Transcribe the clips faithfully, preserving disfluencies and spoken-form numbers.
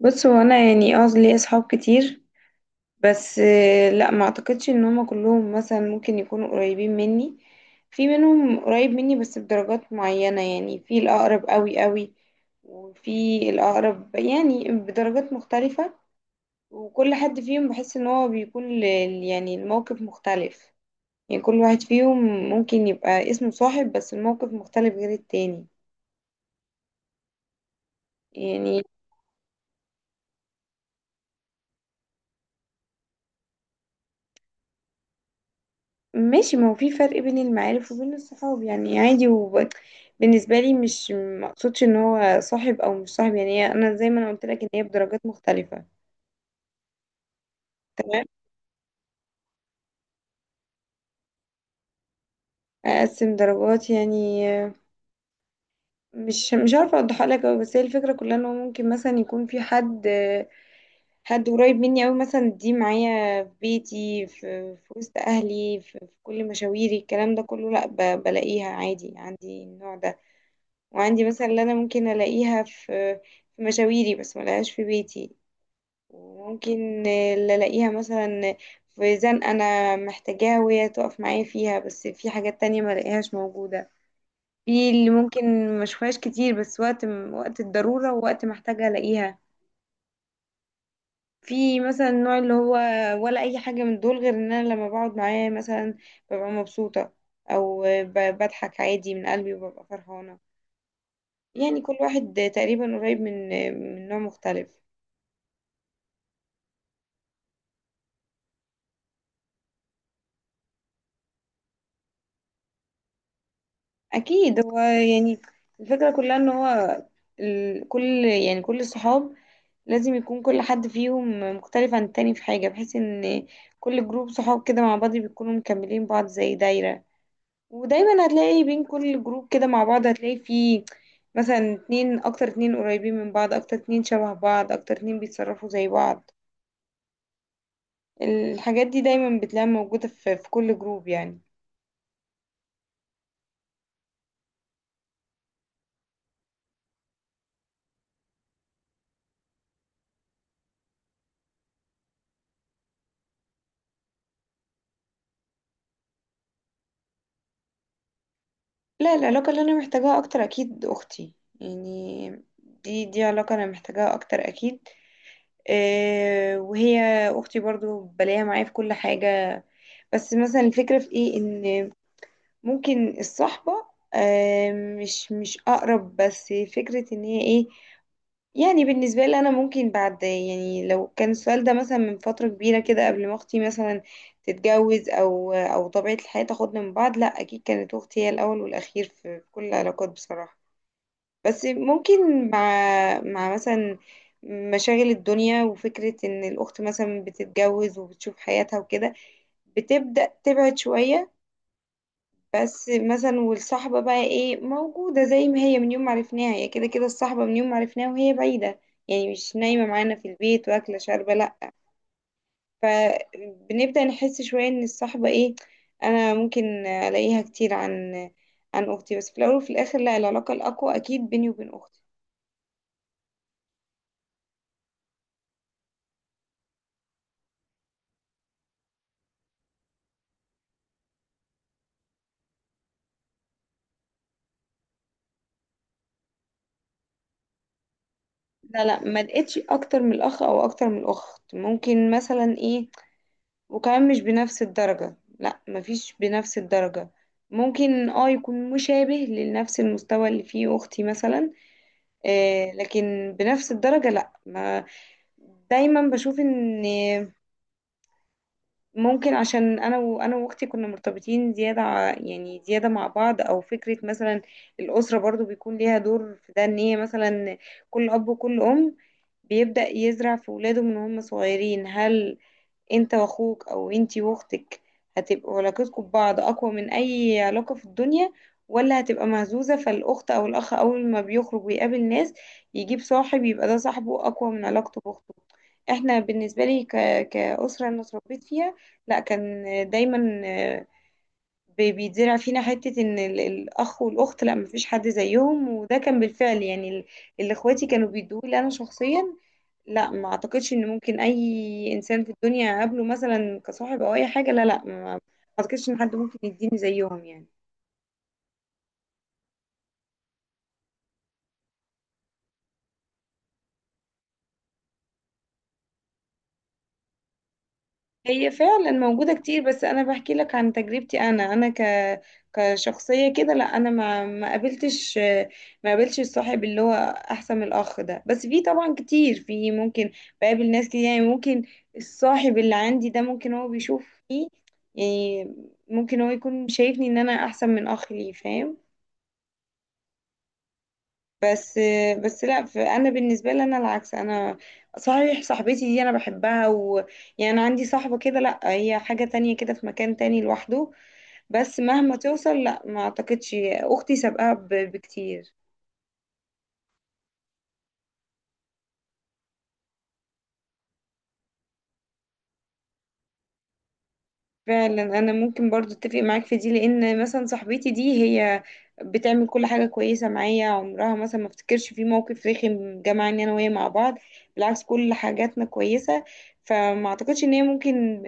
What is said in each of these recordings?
بص هو انا يعني اه ليا اصحاب كتير. بس آه، لا ما اعتقدش ان هما كلهم مثلا ممكن يكونوا قريبين مني. في منهم قريب مني بس بدرجات معينة، يعني في الاقرب قوي قوي وفي الاقرب يعني بدرجات مختلفة. وكل حد فيهم بحس ان هو بيكون ل- يعني الموقف مختلف، يعني كل واحد فيهم ممكن يبقى اسمه صاحب بس الموقف مختلف غير التاني يعني. ماشي، ما هو في فرق بين المعارف وبين الصحاب يعني عادي، وبالنسبة لي مش مقصودش ان هو صاحب او مش صاحب يعني. هي- انا زي ما انا قلت لك ان هي بدرجات مختلفة. تمام. اقسم درجات يعني آه، مش مش عارفة اوضحها لك أوي. بس هي الفكرة كلها ان هو ممكن مثلا يكون في حد آه، حد قريب مني أوي، مثلا دي معايا في بيتي، في, في وسط اهلي، في, في كل مشاويري، الكلام ده كله لا، ب- بلاقيها عادي عندي النوع ده. وعندي مثلا اللي انا ممكن الاقيها في في مشاويري بس ما الاقيهاش في بيتي. وممكن اللي الاقيها مثلا في زنقة انا محتاجاها وهي تقف معايا فيها، بس في حاجات تانية ما الاقيهاش موجودة. في اللي ممكن ما اشوفهاش كتير بس وقت وقت الضرورة ووقت محتاجة الاقيها. في مثلا النوع اللي هو ولا اي حاجة من دول، غير ان انا لما بقعد معاه مثلا ببقى مبسوطة، او ب- بضحك عادي من قلبي وببقى فرحانة. يعني كل واحد تقريبا قريب من من نوع مختلف. اكيد هو يعني الفكرة كلها ان هو ال... كل يعني كل الصحاب لازم يكون كل حد فيهم مختلف عن التاني في حاجة، بحيث ان كل جروب صحاب كده مع بعض بيكونوا مكملين بعض زي دايرة. ودايما هتلاقي بين كل جروب كده مع بعض هتلاقي فيه مثلا اتنين اكتر، اتنين قريبين من بعض اكتر، اتنين شبه بعض اكتر، اتنين بيتصرفوا زي بعض. الحاجات دي دايما بتلاقيها موجودة في في كل جروب يعني. لا، العلاقة اللي أنا محتاجاها أكتر أكيد أختي يعني. دي دي علاقة أنا محتاجاها أكتر أكيد. أه وهي أختي برضو بلاقيها معايا في كل حاجة. بس مثلا الفكرة في إيه، إن ممكن الصحبة أه مش مش أقرب بس فكرة إن هي إيه. يعني بالنسبة لي، أنا ممكن بعد يعني لو كان السؤال ده مثلا من فترة كبيرة كده قبل ما أختي مثلا تتجوز أو أو طبيعة الحياة تاخدنا من بعض، لأ أكيد كانت أختي هي الأول والأخير في في كل العلاقات بصراحة. بس ممكن مع مع مثلا مشاغل الدنيا وفكرة إن الأخت مثلا بتتجوز وبتشوف حياتها وكده، بتبدأ تبعد شوية. بس مثلا والصحبة بقى ايه موجودة زي ما هي من يوم ما عرفناها، هي كده كده الصحبة من يوم ما عرفناها وهي بعيدة، يعني مش نايمة معانا في البيت واكلة شاربة لأ. فبنبدأ نحس شوية ان الصحبة ايه، انا ممكن الاقيها كتير عن عن اختي. بس في الاول وفي الاخر لا، العلاقة الاقوى اكيد بيني وبين اختي. لا لا، ما لقيتش اكتر من الاخ او اكتر من الاخت. ممكن مثلا ايه، وكمان مش بنفس الدرجة. لا مفيش بنفس الدرجة. ممكن اه يكون مشابه لنفس المستوى اللي فيه أختي مثلا، آه لكن بنفس الدرجة لا ما. دايما بشوف ان ممكن، عشان انا وانا واختي كنا مرتبطين زيادة ع- يعني زيادة مع بعض، او فكرة مثلا الأسرة برضو بيكون ليها دور في ده. ان هي مثلا كل اب وكل ام بيبدأ يزرع في ولاده من هم صغيرين، هل انت واخوك او انتي واختك هتبقوا علاقتكم ببعض اقوى من اي علاقة في الدنيا ولا هتبقى مهزوزة؟ فالاخت او الاخ اول ما بيخرج ويقابل ناس يجيب صاحب يبقى ده صاحبه اقوى من علاقته باخته. احنا بالنسبة لي ك... كأسرة انا اتربيت فيها لا، كان دايما بي- بيتزرع فينا حتة ان ال- الاخ والاخت لا مفيش حد زيهم. وده كان بالفعل يعني ال- اللي اخواتي كانوا بيدوه لي انا شخصيا. لا ما اعتقدش ان ممكن اي انسان في الدنيا اقابله مثلا كصاحب او اي حاجة. لا لا، ما ما اعتقدش ان حد ممكن يديني زيهم يعني. هي فعلا موجودة كتير، بس أنا بحكي لك عن تجربتي أنا. أنا ك كشخصية كده لا، أنا ما ما قابلتش، ما قابلتش الصاحب اللي هو أحسن من الأخ ده. بس في طبعا كتير، في ممكن بقابل ناس كتير يعني. ممكن الصاحب اللي عندي ده ممكن هو بيشوف فيه، يعني ممكن هو يكون شايفني إن أنا أحسن من أخ ليه فاهم؟ بس بس لا، ف- انا بالنسبه لي انا العكس انا. صحيح صاحبتي دي انا بحبها، ويعني عندي صاحبه كده لا هي حاجه تانية كده في مكان تاني لوحده، بس مهما توصل لا ما اعتقدش اختي سابقاها ب- بكتير. فعلا انا ممكن برضو اتفق معاك في دي، لان مثلا صاحبتي دي هي بتعمل كل حاجه كويسه معايا، عمرها مثلا ما افتكرش في موقف رخم جمعني انا وهي مع بعض. بالعكس، كل حاجاتنا كويسه. فما اعتقدش ان هي ممكن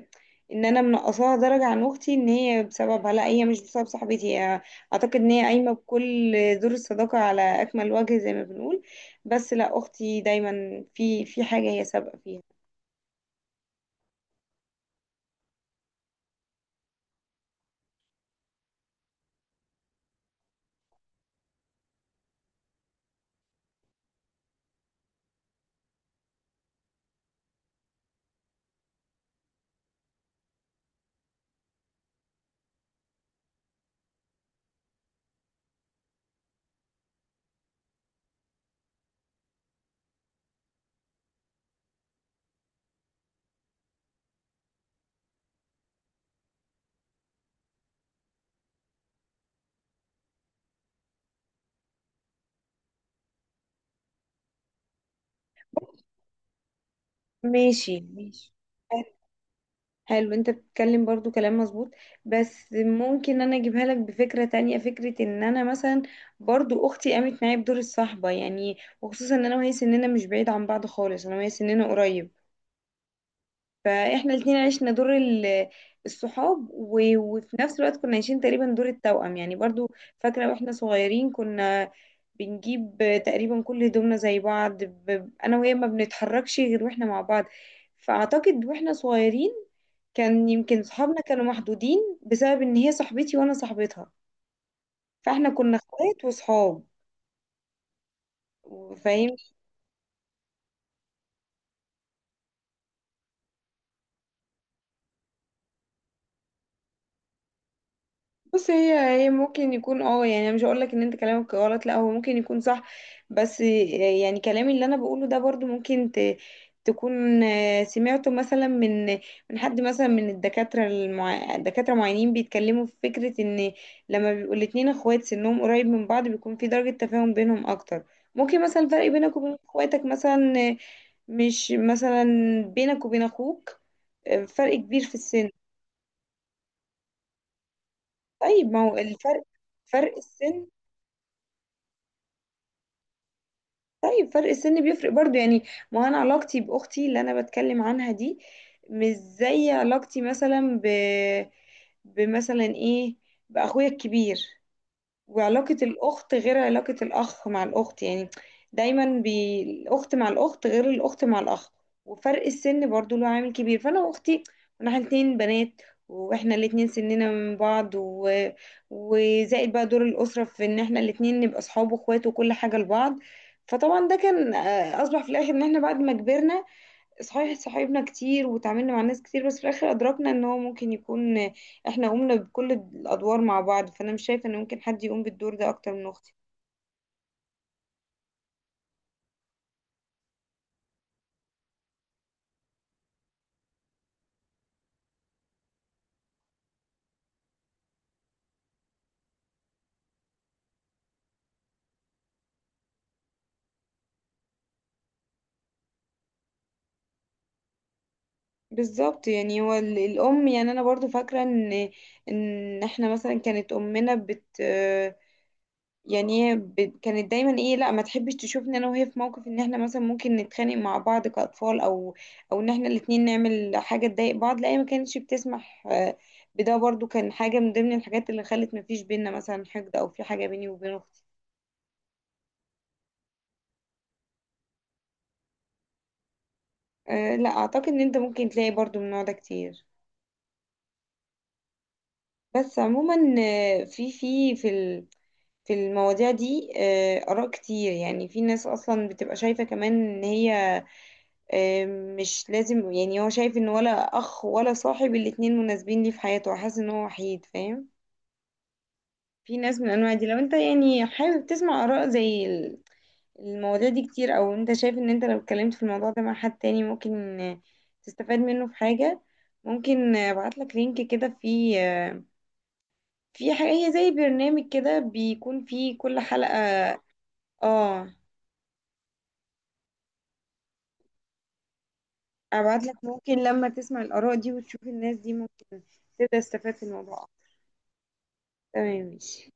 ان انا منقصاها درجه عن اختي ان هي بسببها. لا، هي مش بسبب صاحبتي، هي اعتقد ان هي قايمه بكل دور الصداقه على اكمل وجه زي ما بنقول. بس لا اختي دايما في في حاجه هي سابقه فيها. ماشي ماشي. حلو، انت بتتكلم برضو كلام مظبوط. بس ممكن انا اجيبها لك بفكرة تانية. فكرة ان انا مثلا برضو اختي قامت معايا بدور الصحبة يعني، وخصوصا ان انا وهي سننا مش بعيد عن بعض خالص، انا وهي سننا قريب. فاحنا الاتنين عشنا دور ال- الصحاب و- وفي نفس الوقت كنا عايشين تقريبا دور التوأم يعني برضو. فاكرة واحنا صغيرين كنا بنجيب تقريبا كل هدومنا زي بعض، ب- انا وهي ما بنتحركش غير واحنا مع بعض. فاعتقد واحنا صغيرين كان يمكن صحابنا كانوا محدودين بسبب ان هي صاحبتي وانا صاحبتها. فاحنا كنا اخوات وصحاب. بص هي هي ممكن يكون اه، يعني انا مش هقول لك ان انت كلامك غلط لا، هو ممكن يكون صح. بس يعني كلامي اللي انا بقوله ده برضو ممكن ت... تكون آه، سمعته مثلا من من حد مثلا من الدكاترة، المع... دكاترة معينين بيتكلموا في فكرة ان لما بيبقوا الاتنين اخوات سنهم قريب من بعض بيكون في درجة تفاهم بينهم اكتر. ممكن مثلا الفرق بينك وبين اخواتك مثلا آه، مش مثلا بينك وبين اخوك آه، فرق كبير في السن. طيب ما هو الفرق؟ فرق السن. طيب، فرق السن بيفرق برضو يعني. ما انا علاقتي باختي اللي انا بتكلم عنها دي مش زي علاقتي مثلا ب بمثلا ايه باخويا الكبير. وعلاقة الأخت غير علاقة الأخ مع الأخت يعني. دايما بي... الأخت مع الأخت غير الأخت مع الأخ. وفرق السن برضو له عامل كبير. فأنا وأختي كنا إحنا الاتنين بنات، وإحنا الاتنين سننا من بعض و... وزائد بقى دور الأسرة في إن إحنا الاتنين نبقى صحاب وإخوات وكل حاجة لبعض. فطبعا ده كان آه، أصبح في الآخر إن إحنا بعد ما كبرنا صحيح صاحبنا كتير وتعاملنا مع ناس كتير، بس في الاخر ادركنا ان هو ممكن يكون احنا قمنا بكل الادوار مع بعض. فانا مش شايفه ان ممكن حد يقوم بالدور ده اكتر من اختي. بالظبط يعني هو ال- الام يعني، انا برضو فاكره ان ان احنا مثلا كانت امنا بت يعني هي ب- كانت دايما ايه لا ما تحبش تشوفني انا وهي في موقف ان احنا مثلا ممكن نتخانق مع بعض كأطفال، او او ان احنا الاتنين نعمل حاجة تضايق بعض. لا، هي ما كانتش بتسمح آه، بده. برضو كان حاجة من ضمن الحاجات اللي خلت ما فيش بينا مثلا حقد او في حاجة بيني وبين اختي. أه لا، اعتقد ان انت ممكن تلاقي برضو من النوع ده كتير. بس عموما آه، في في في ال- في المواضيع دي آه، آراء كتير. يعني في ناس أصلا بتبقى شايفة كمان إن هي مش لازم، يعني هو شايف ان ولا اخ ولا صاحب الاتنين مناسبين ليه في حياته، حاسس ان هو وحيد فاهم. في ناس من انواع دي، لو انت يعني حابب تسمع اراء زي ال- المواضيع دي كتير او انت شايف ان انت لو اتكلمت في الموضوع ده مع حد تاني ممكن تستفاد منه في حاجة، ممكن ابعت لك لينك كده فيه، في حاجة هي زي برنامج كده بيكون فيه كل حلقة. اه ابعت لك، ممكن لما تسمع الاراء دي وتشوف الناس دي ممكن تبدأ تستفاد في الموضوع. تمام ماشي.